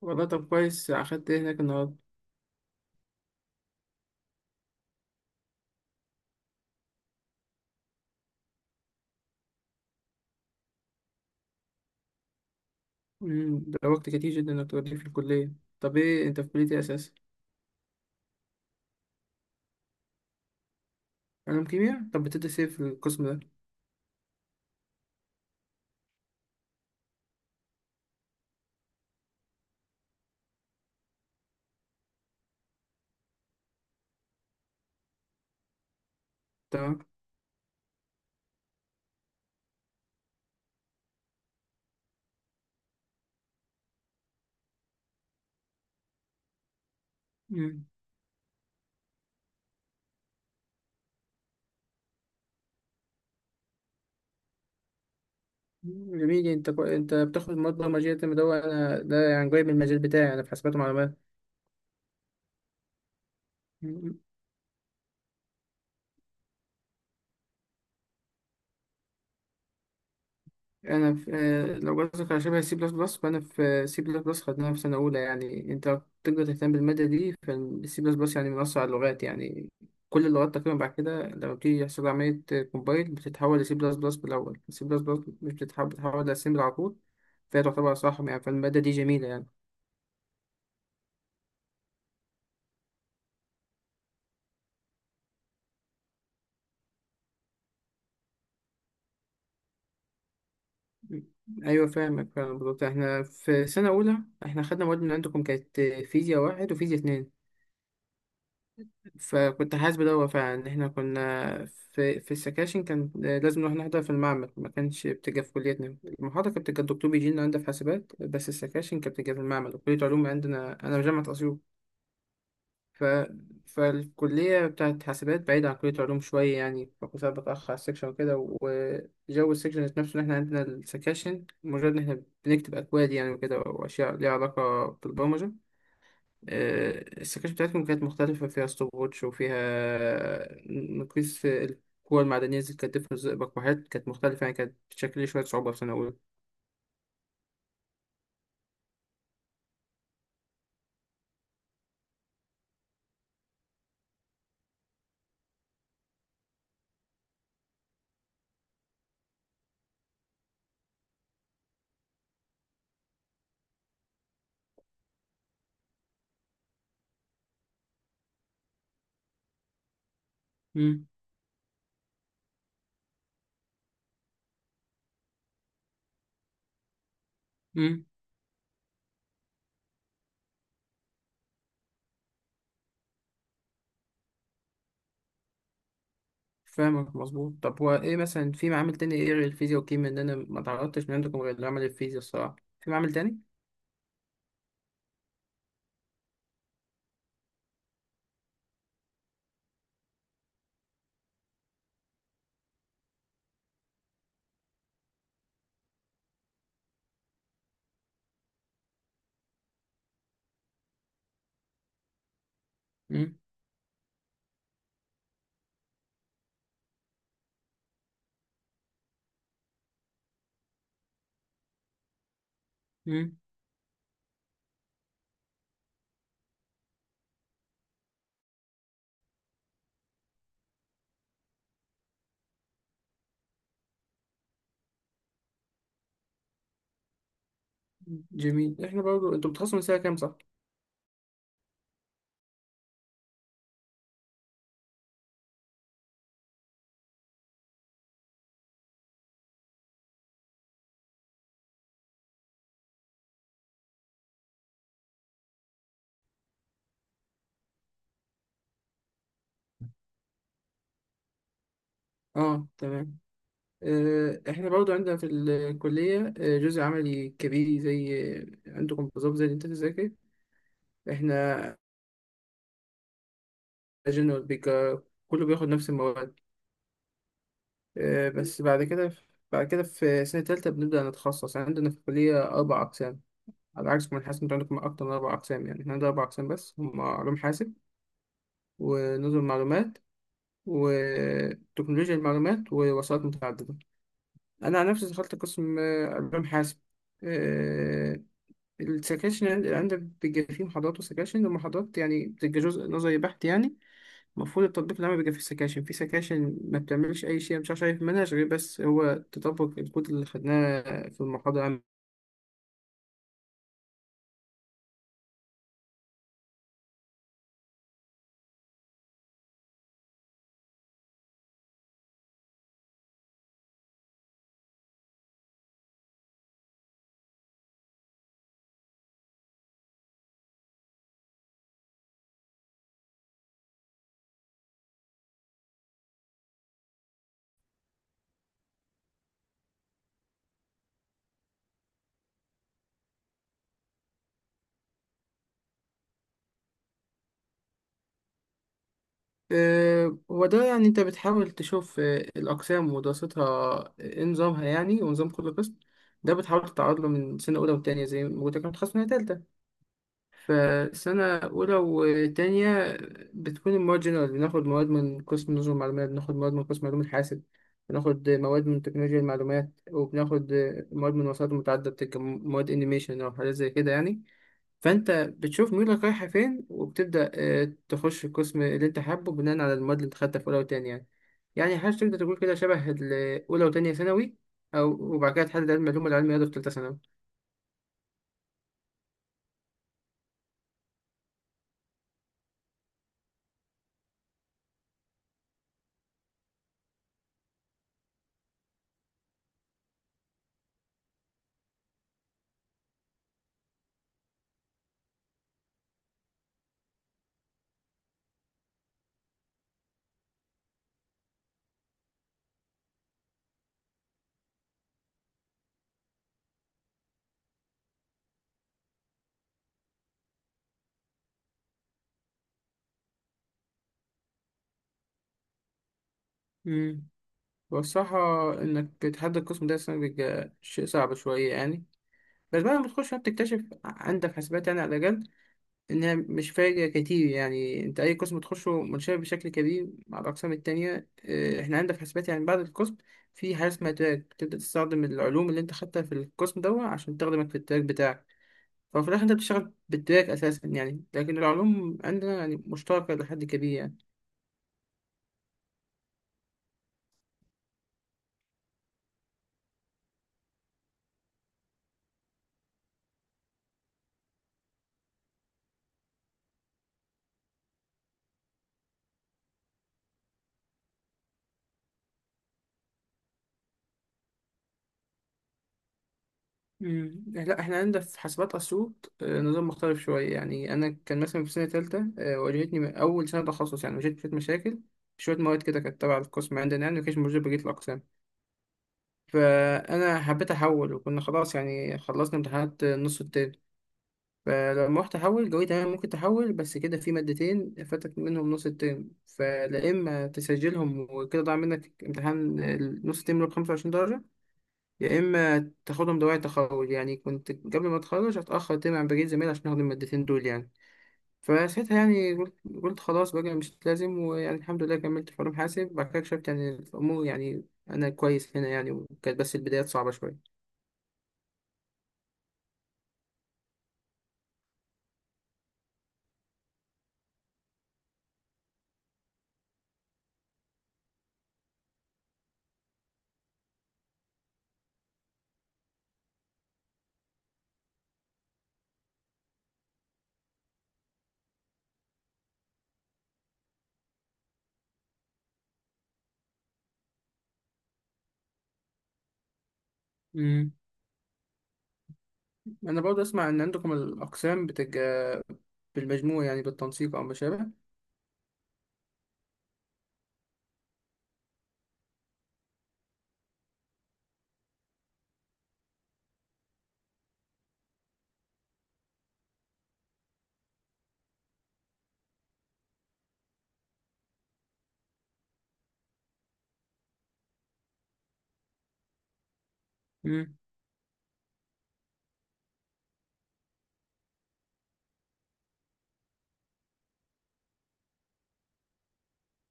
والله، طب كويس، أخدت إيه هناك النهاردة؟ ده وقت كتير جدا إنك تقضيه في الكلية. طب إيه أنت في كلية إيه أساسا؟ علوم كيمياء؟ طب بتدرس إيه في القسم ده؟ تمام. مم. جميل. أنت بتاخد مواد برمجية ده. أنا ده يعني جاي من المجال بتاعي، أنا في حاسبات ومعلومات. انا في لو قصدك على شبه سي بلس بلس فانا في سي بلس بلس، خدناها في سنه اولى. يعني انت لو تقدر تهتم بالماده دي، فالسي بلس بلس يعني من اسرع اللغات يعني. كل اللغات تقريبا بعد كده لما بتيجي يحصل عمليه كومبايل بتتحول لسي بلس بلس بالاول، سي بلس بلس مش بتتحول، بتتحول لاسمبل على طول. فهي تعتبر اصعب يعني، فالماده دي جميله يعني. ايوه فاهمك، فاهم بالظبط. احنا في سنه اولى احنا خدنا مواد من عندكم، كانت فيزياء واحد وفيزياء اتنين. فكنت حاسس بدوت فعلا ان احنا كنا في السكاشن كان لازم نروح نحضر في المعمل. ما كانش بتبقى في كليتنا، المحاضرة كانت بتبقى الدكتور بيجي لنا عندنا في حاسبات، بس السكاشن كانت بتبقى في المعمل وكلية علوم عندنا. انا في جامعة اسيوط. ف... فالكلية بتاعت حاسبات بعيدة عن كلية علوم شوية يعني، فكنت ساعات بتأخر على السكشن وكده. وجو السكشن ذات نفسه ان احنا عندنا السكاشن مجرد ان احنا بنكتب اكواد يعني وكده، واشياء ليها علاقة بالبرمجة. السكاش بتاعتكم كانت مختلفة، فيها ستوب ووتش، وفيها مقياس القوى المعدنية زي الكتف والزئبق، وحاجات كانت مختلفة يعني، كانت بتشكل لي شوية صعوبة في سنة أولى. مم. مم. فاهمك مظبوط. طب هو إيه مثلا في معامل تاني، إيه غير الفيزياء والكيمياء؟ إن أنا ما تعرضتش من عندكم غير لعمل الفيزياء الصراحة، في معامل تاني؟ مم. مم. جميل. إحنا برضو أنتوا بتخلصوا من سنة كام صح؟ آه تمام. إحنا برضو عندنا في الكلية جزء عملي كبير زي عندكم بالظبط، زي اللي أنت تذاكر. إحنا جنرال بيبقى كله بياخد نفس المواد. بس بعد كده في سنة تالتة بنبدأ نتخصص. يعني عندنا في الكلية أربع أقسام، على عكس من حاسب أنتوا عندكم أكتر من أربع أقسام. يعني إحنا عندنا أربع أقسام بس، هما علوم حاسب ونظم معلومات وتكنولوجيا المعلومات ووسائط متعددة. أنا عن نفسي دخلت قسم علوم حاسب. آه، عندنا بيبقى فيه محاضرات وسكاشن. المحاضرات يعني بتبقى جزء نظري بحت يعني، المفروض التطبيق العملي بيبقى فيه سكاشن. في سكاشن ما بتعملش أي شيء، مش عارف، شايف منهج غير بس هو تطبق الكود اللي خدناه في المحاضرة العامة. هو ده يعني أنت بتحاول تشوف الأقسام ودراستها، إيه نظامها يعني، ونظام كل قسم. ده بتحاول تتعرض له من سنة أولى وتانية، زي ما قلت لك هتخصص من تالتة. فسنة أولى وتانية بتكون المواد جنرال، بناخد مواد من قسم نظم معلومات، بناخد مواد من قسم علوم الحاسب، بناخد مواد من تكنولوجيا المعلومات، وبناخد مواد من وسائط متعددة. مواد انيميشن أو حاجات زي كده يعني. فأنت بتشوف ميولك رايحة فين، وبتبدأ تخش القسم اللي أنت حابه بناء على المواد اللي أنت خدتها في أولى وتانية يعني. يعني حاجة تقدر تقول كده شبه الأولى وتانية ثانوي، أو وبعد كده تحدد علم العلوم العلمي رياضة في تالتة ثانوي. هو الصراحة إنك تحدد القسم ده أصلا بيبقى شيء صعب شوية يعني. بس بعد ما بتخش بتكتشف عندك حسابات يعني على الأقل، إنها مش فارقة كتير. يعني أنت أي قسم تخشه متشابه بشكل كبير مع الأقسام التانية. إحنا عندنا في حسابات يعني، بعد القسم في حاجة اسمها تراك، بتبدأ تستخدم العلوم اللي أنت خدتها في القسم ده عشان تخدمك في التراك بتاعك. ففي الآخر أنت بتشتغل بالتراك أساسا يعني، لكن العلوم عندنا يعني مشتركة لحد كبير يعني. مم. لا احنا عندنا في حاسبات اسيوط نظام مختلف شويه. يعني انا كان مثلا في سنه ثالثه، واجهتني من اول سنه تخصص يعني واجهت شويه مشاكل. شويه مواد كده كانت تبع القسم عندنا يعني ما كانش موجوده بقيه الاقسام. فانا حبيت احول، وكنا خلاص يعني خلصنا امتحانات النص التاني. فلما رحت احول جوي تمام ممكن تحول، بس كده في مادتين فاتك منهم نص الترم، فلا اما تسجلهم وكده ضاع منك امتحان النص الترم ب 25 درجة، يا اما تاخدهم دوائي تخرج. يعني كنت قبل ما اتخرج هتاخر تاني عن بقيه زمايلي عشان اخد المادتين دول يعني. فساعتها يعني قلت خلاص بقى مش لازم. ويعني الحمد لله كملت في علوم حاسب، وبعد كده اكتشفت يعني الامور يعني انا كويس هنا يعني، وكانت بس البدايات صعبه شويه. امم. انا برضه اسمع ان عندكم الاقسام بتبقى بالمجموع يعني، بالتنسيق او ما شابه. امم.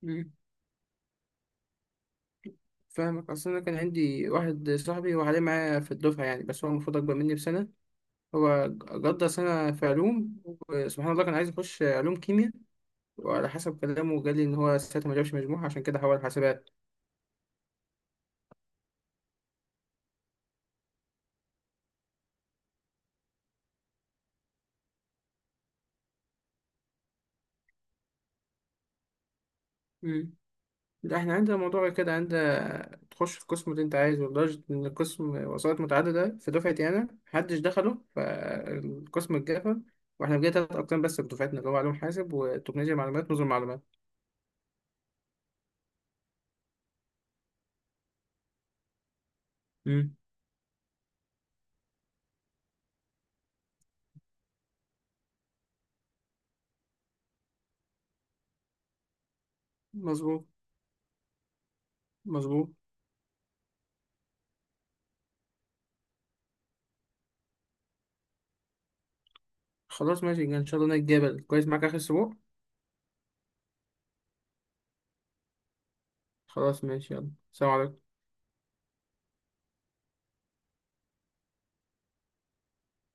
امم. فاهمك. اصل انا كان عندي واحد صاحبي وعليه معايا في الدفعه يعني، بس هو المفروض اكبر مني بسنه. هو جدة سنة في علوم، وسبحان الله كان عايز يخش علوم كيمياء، وعلى حسب كلامه جالي إن هو ساعتها ما جابش مجموعة، عشان كده حول حاسبات. مم. لا احنا عندنا موضوع كده، عندنا تخش في القسم اللي انت عايزه، لدرجة ان القسم وسائط متعددة في دفعتي انا محدش دخله فالقسم اتقفل. واحنا بقينا تلات اقسام بس في دفعتنا، اللي هو علوم حاسب وتكنولوجيا معلومات نظم معلومات. مم. مظبوط. مظبوط. خلاص ماشي، ان شاء الله نتقابل كويس معاك اخر اسبوع. خلاص ماشي، يلا، سلام عليكم.